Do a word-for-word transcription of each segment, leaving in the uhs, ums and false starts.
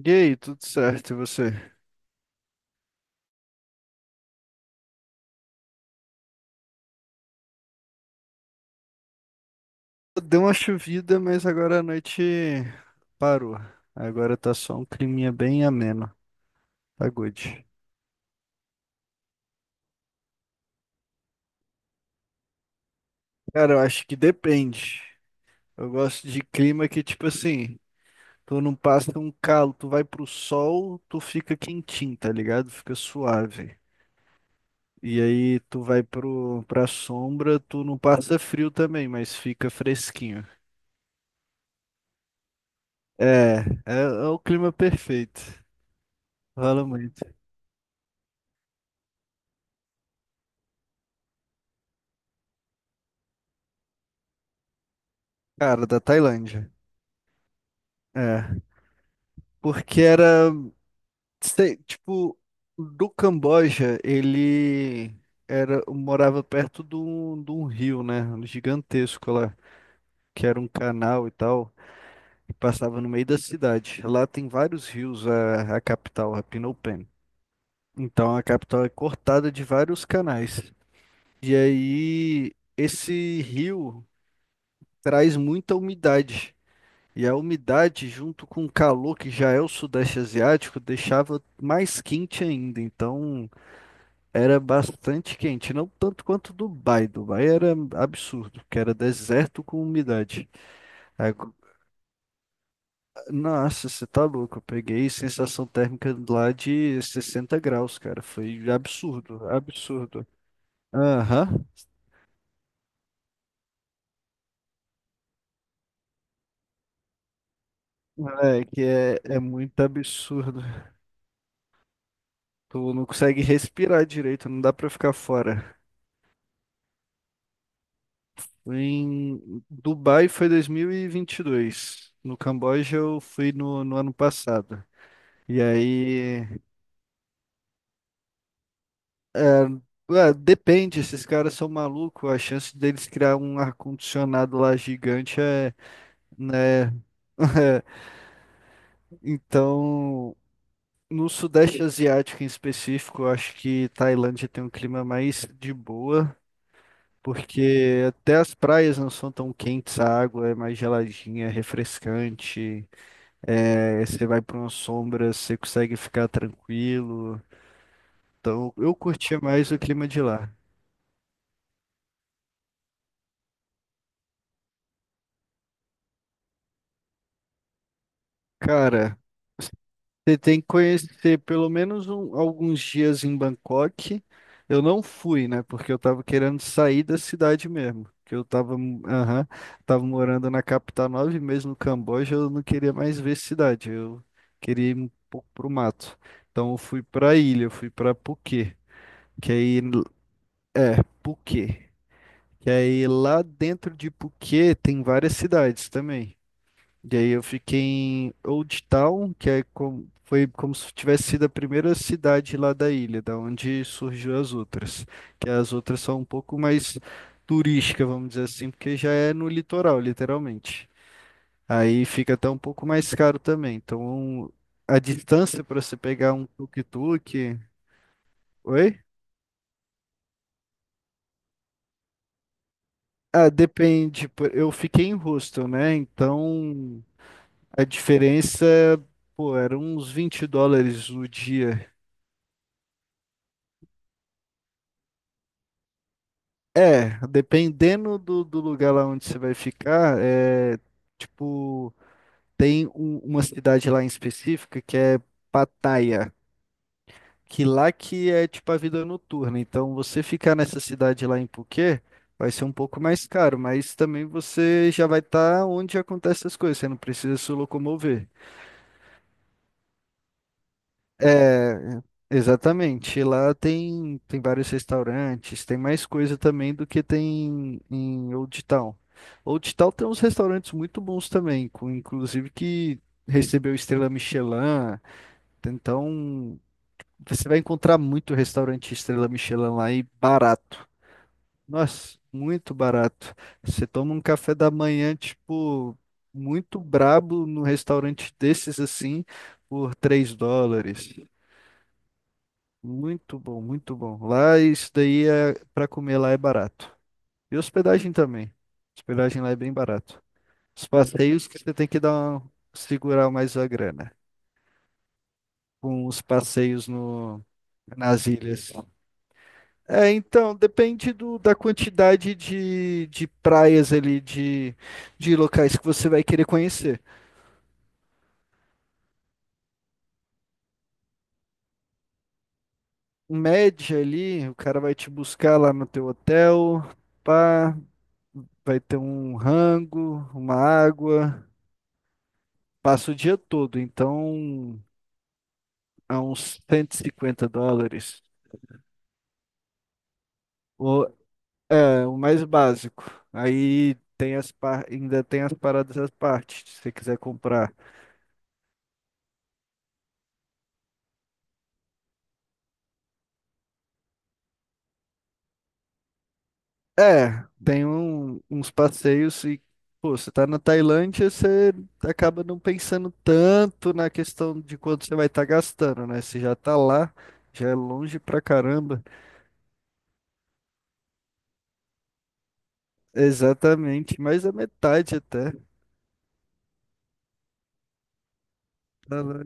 Gay, tudo certo, e você? Deu uma chovida, mas agora a noite parou. Agora tá só um climinha bem ameno. Tá good. Cara, eu acho que depende. Eu gosto de clima que, tipo assim, tu não passa um calo, tu vai pro sol, tu fica quentinho, tá ligado? Fica suave. E aí tu vai pro, pra sombra, tu não passa frio também, mas fica fresquinho. É, é, É o clima perfeito. Fala muito. Cara, da Tailândia. É. Porque era, sei, tipo, do Camboja, ele era, morava perto de um, de um rio, né? Gigantesco lá, que era um canal e tal, e passava no meio da cidade. Lá tem vários rios, a, a capital, a Phnom Penh. Então a capital é cortada de vários canais. E aí, esse rio traz muita umidade. E a umidade, junto com o calor que já é o Sudeste Asiático, deixava mais quente ainda. Então era bastante quente, não tanto quanto Dubai. Dubai era absurdo, que era deserto com umidade. Ago- Nossa, você tá louco. Eu peguei sensação térmica lá de sessenta graus, cara. Foi absurdo, absurdo. Aham. É, que é, é muito absurdo. Tu não consegue respirar direito, não dá pra ficar fora. Em Dubai foi dois mil e e vinte e dois. No Camboja eu fui no, no ano passado. E aí, ué, depende, esses caras são malucos. A chance deles criar um ar-condicionado lá gigante é, né? Então, no Sudeste Asiático em específico, eu acho que Tailândia tem um clima mais de boa, porque até as praias não são tão quentes, a água é mais geladinha, é refrescante. É, você vai para uma sombra, você consegue ficar tranquilo. Então, eu curtia mais o clima de lá. Cara, você tem que conhecer pelo menos um- alguns dias em Bangkok. Eu não fui, né? Porque eu tava querendo sair da cidade mesmo. Que eu tava, aham, tava morando na capital nove meses no Camboja. Eu não queria mais ver cidade. Eu queria ir um pouco pro mato. Então eu fui pra ilha, eu fui pra Phuket. Que aí, é, Phuket. Que aí lá dentro de Phuket tem várias cidades também. E aí eu fiquei em Old Town, que é como, foi como se tivesse sido a primeira cidade lá da ilha, da onde surgiu as outras. Que as outras são um pouco mais turísticas, vamos dizer assim, porque já é no litoral, literalmente. Aí fica até um pouco mais caro também. Então a distância para você pegar um tuk-tuk. Oi? Ah, depende. por- Eu fiquei em hostel, né? Então a diferença, pô, era uns vinte dólares o dia. É, dependendo do, do lugar lá onde você vai ficar, é tipo, tem um- uma cidade lá em específica que é Pattaya, que lá que é tipo a vida noturna. Então, você ficar nessa cidade lá em Phuket vai ser um pouco mais caro, mas também você já vai estar onde acontecem as coisas, você não precisa se locomover. É, exatamente. Lá tem, tem vários restaurantes, tem mais coisa também do que tem em Old Town. Old Town tem uns restaurantes muito bons também, com, inclusive que recebeu estrela Michelin. Então, você vai encontrar muito restaurante estrela Michelin lá e barato. Nossa, muito barato. Você toma um café da manhã, tipo, muito brabo num restaurante desses assim, por três dólares. Muito bom, muito bom. Lá isso daí é para comer lá é barato. E hospedagem também. Hospedagem lá é bem barato. Os passeios que você tem que dar uma- segurar mais a grana. Com os passeios no nas ilhas. É, então, depende do, da quantidade de, de praias ali, de, de locais que você vai querer conhecer. Em média ali, o cara vai te buscar lá no teu hotel, pá, vai ter um rango, uma água. Passa o dia todo, então a uns cento e cinquenta dólares. O, é, o mais básico. Aí tem as par... ainda tem as paradas à parte, se você quiser comprar. É, tem um- uns passeios e, pô, você tá na Tailândia, você acaba não pensando tanto na questão de quanto você vai estar gastando, né? Você já tá lá, já é longe pra caramba. Exatamente, mais da metade até. Tá lá.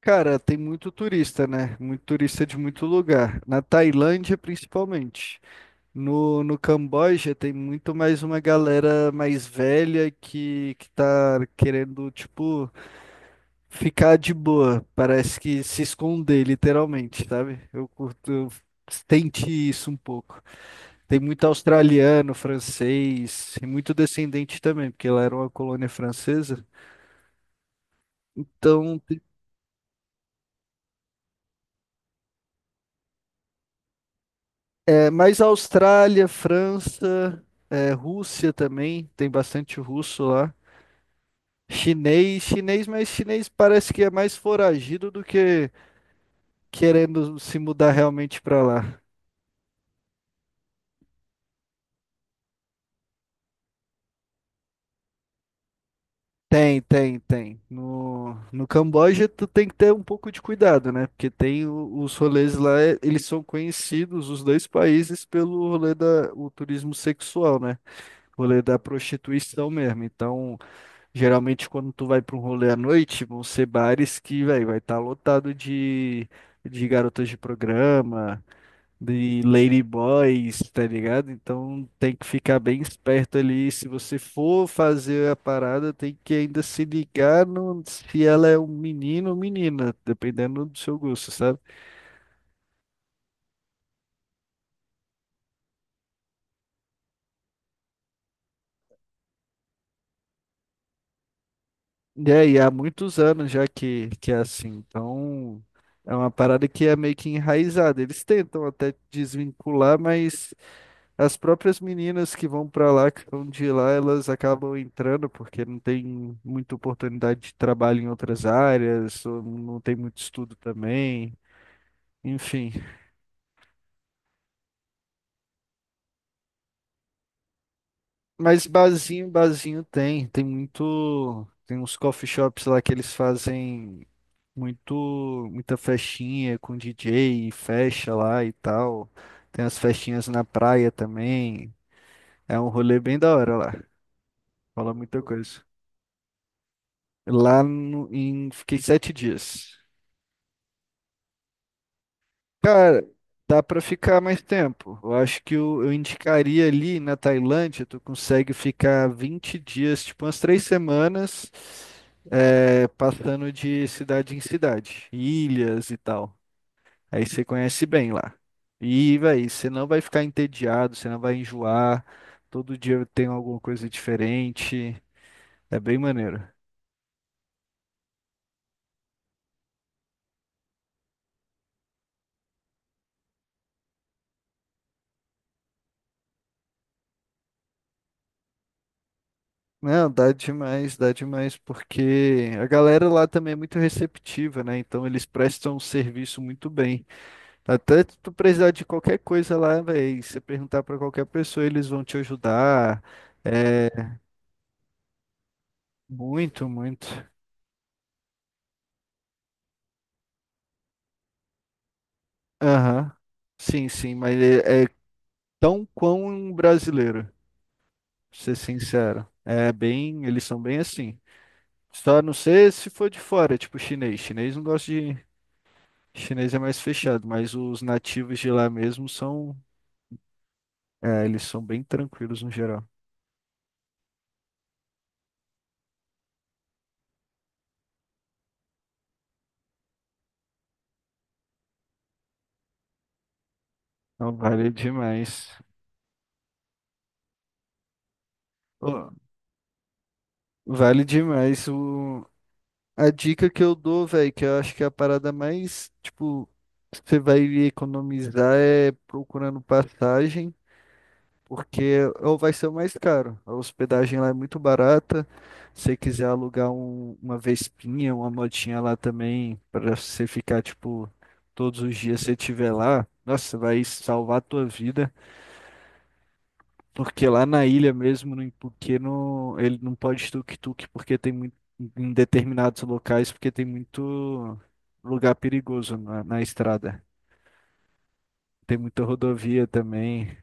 Cara, tem muito turista, né? Muito turista de muito lugar. Na Tailândia, principalmente. No, no Camboja, tem muito mais uma galera mais velha que, que tá querendo, tipo, ficar de boa. Parece que se esconder, literalmente, sabe? Eu curto, eu senti isso um pouco. Tem muito australiano, francês, e muito descendente também, porque lá era uma colônia francesa. Então, é, mas a Austrália, França, é, Rússia também, tem bastante russo lá. Chinês, chinês, mas chinês parece que é mais foragido do que querendo se mudar realmente para lá. Tem, tem, tem. No, no Camboja, tu tem que ter um pouco de cuidado, né? Porque tem o- os rolês lá, é- eles são conhecidos, os dois países, pelo rolê da, o turismo sexual, né? O rolê da prostituição mesmo. Então, geralmente, quando tu vai pra um rolê à noite, vão ser bares que, véi, vai estar lotado de, de garotas de programa, de ladyboys, tá ligado? Então tem que ficar bem esperto ali. Se você for fazer a parada, tem que ainda se ligar no, se ela é um menino ou menina, dependendo do seu gosto, sabe? E aí, há muitos anos já que, que é assim. Então, é uma parada que é meio que enraizada. Eles tentam até desvincular, mas as próprias meninas que vão pra lá, que são de lá, elas acabam entrando porque não tem muita oportunidade de trabalho em outras áreas, ou não tem muito estudo também, enfim. Mas barzinho, barzinho tem, tem muito, tem uns coffee shops lá que eles fazem muito, muita festinha com D J e fecha lá e tal. Tem as festinhas na praia também. É um rolê bem da hora lá. Fala muita coisa. Lá no- em. Fiquei sete dias. Cara, dá pra ficar mais tempo. Eu acho que eu, eu indicaria ali na Tailândia, tu consegue ficar vinte dias, tipo umas três semanas, é, passando de cidade em cidade, ilhas e tal. Aí você conhece bem lá. E, véi, você não vai ficar entediado, você não vai enjoar. Todo dia tem alguma coisa diferente. É bem maneiro. Não, dá demais, dá demais, porque a galera lá também é muito receptiva, né? Então eles prestam um serviço muito bem. Até tu precisar de qualquer coisa lá, velho, você perguntar pra qualquer pessoa, eles vão te ajudar. É muito, muito. Aham. Sim, sim, mas é, é tão quão um brasileiro, pra ser sincero. É bem, eles são bem assim. Só não sei se for de fora, tipo chinês. Chinês não gosta de. Chinês é mais fechado, mas os nativos de lá mesmo são, é, eles são bem tranquilos no geral. Então vale demais. Ô, vale demais o a dica que eu dou, velho, que eu acho que é a parada mais, tipo, você vai economizar é procurando passagem. Porque ou vai ser o mais caro. A hospedagem lá é muito barata. Se você quiser alugar um- uma Vespinha, uma motinha lá também, para você ficar, tipo, todos os dias você estiver lá, nossa, vai salvar a tua vida. Porque lá na ilha mesmo, no Ipuque, não, ele não pode tuk-tuk, porque tem muito, em determinados locais, porque tem muito lugar perigoso na, na estrada. Tem muita rodovia também.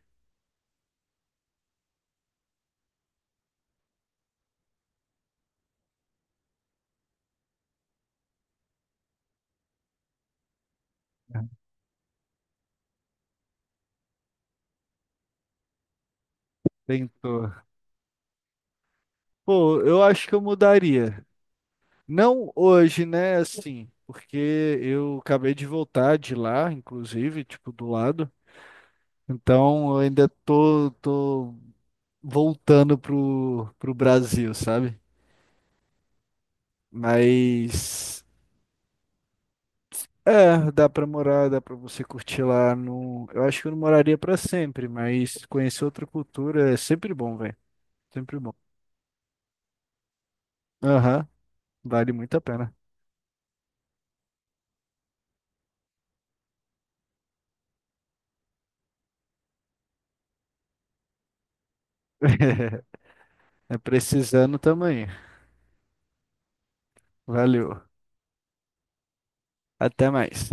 Tentou. Pô, eu acho que eu mudaria. Não hoje, né? Assim, porque eu acabei de voltar de lá, inclusive, tipo, do lado. Então, eu ainda tô, tô voltando pro, pro Brasil, sabe? Mas, é, dá pra morar, dá pra você curtir lá no... Eu acho que eu não moraria pra sempre, mas conhecer outra cultura é sempre bom, velho. Sempre bom. Aham, vale muito a pena. É precisando também. Valeu. Até mais.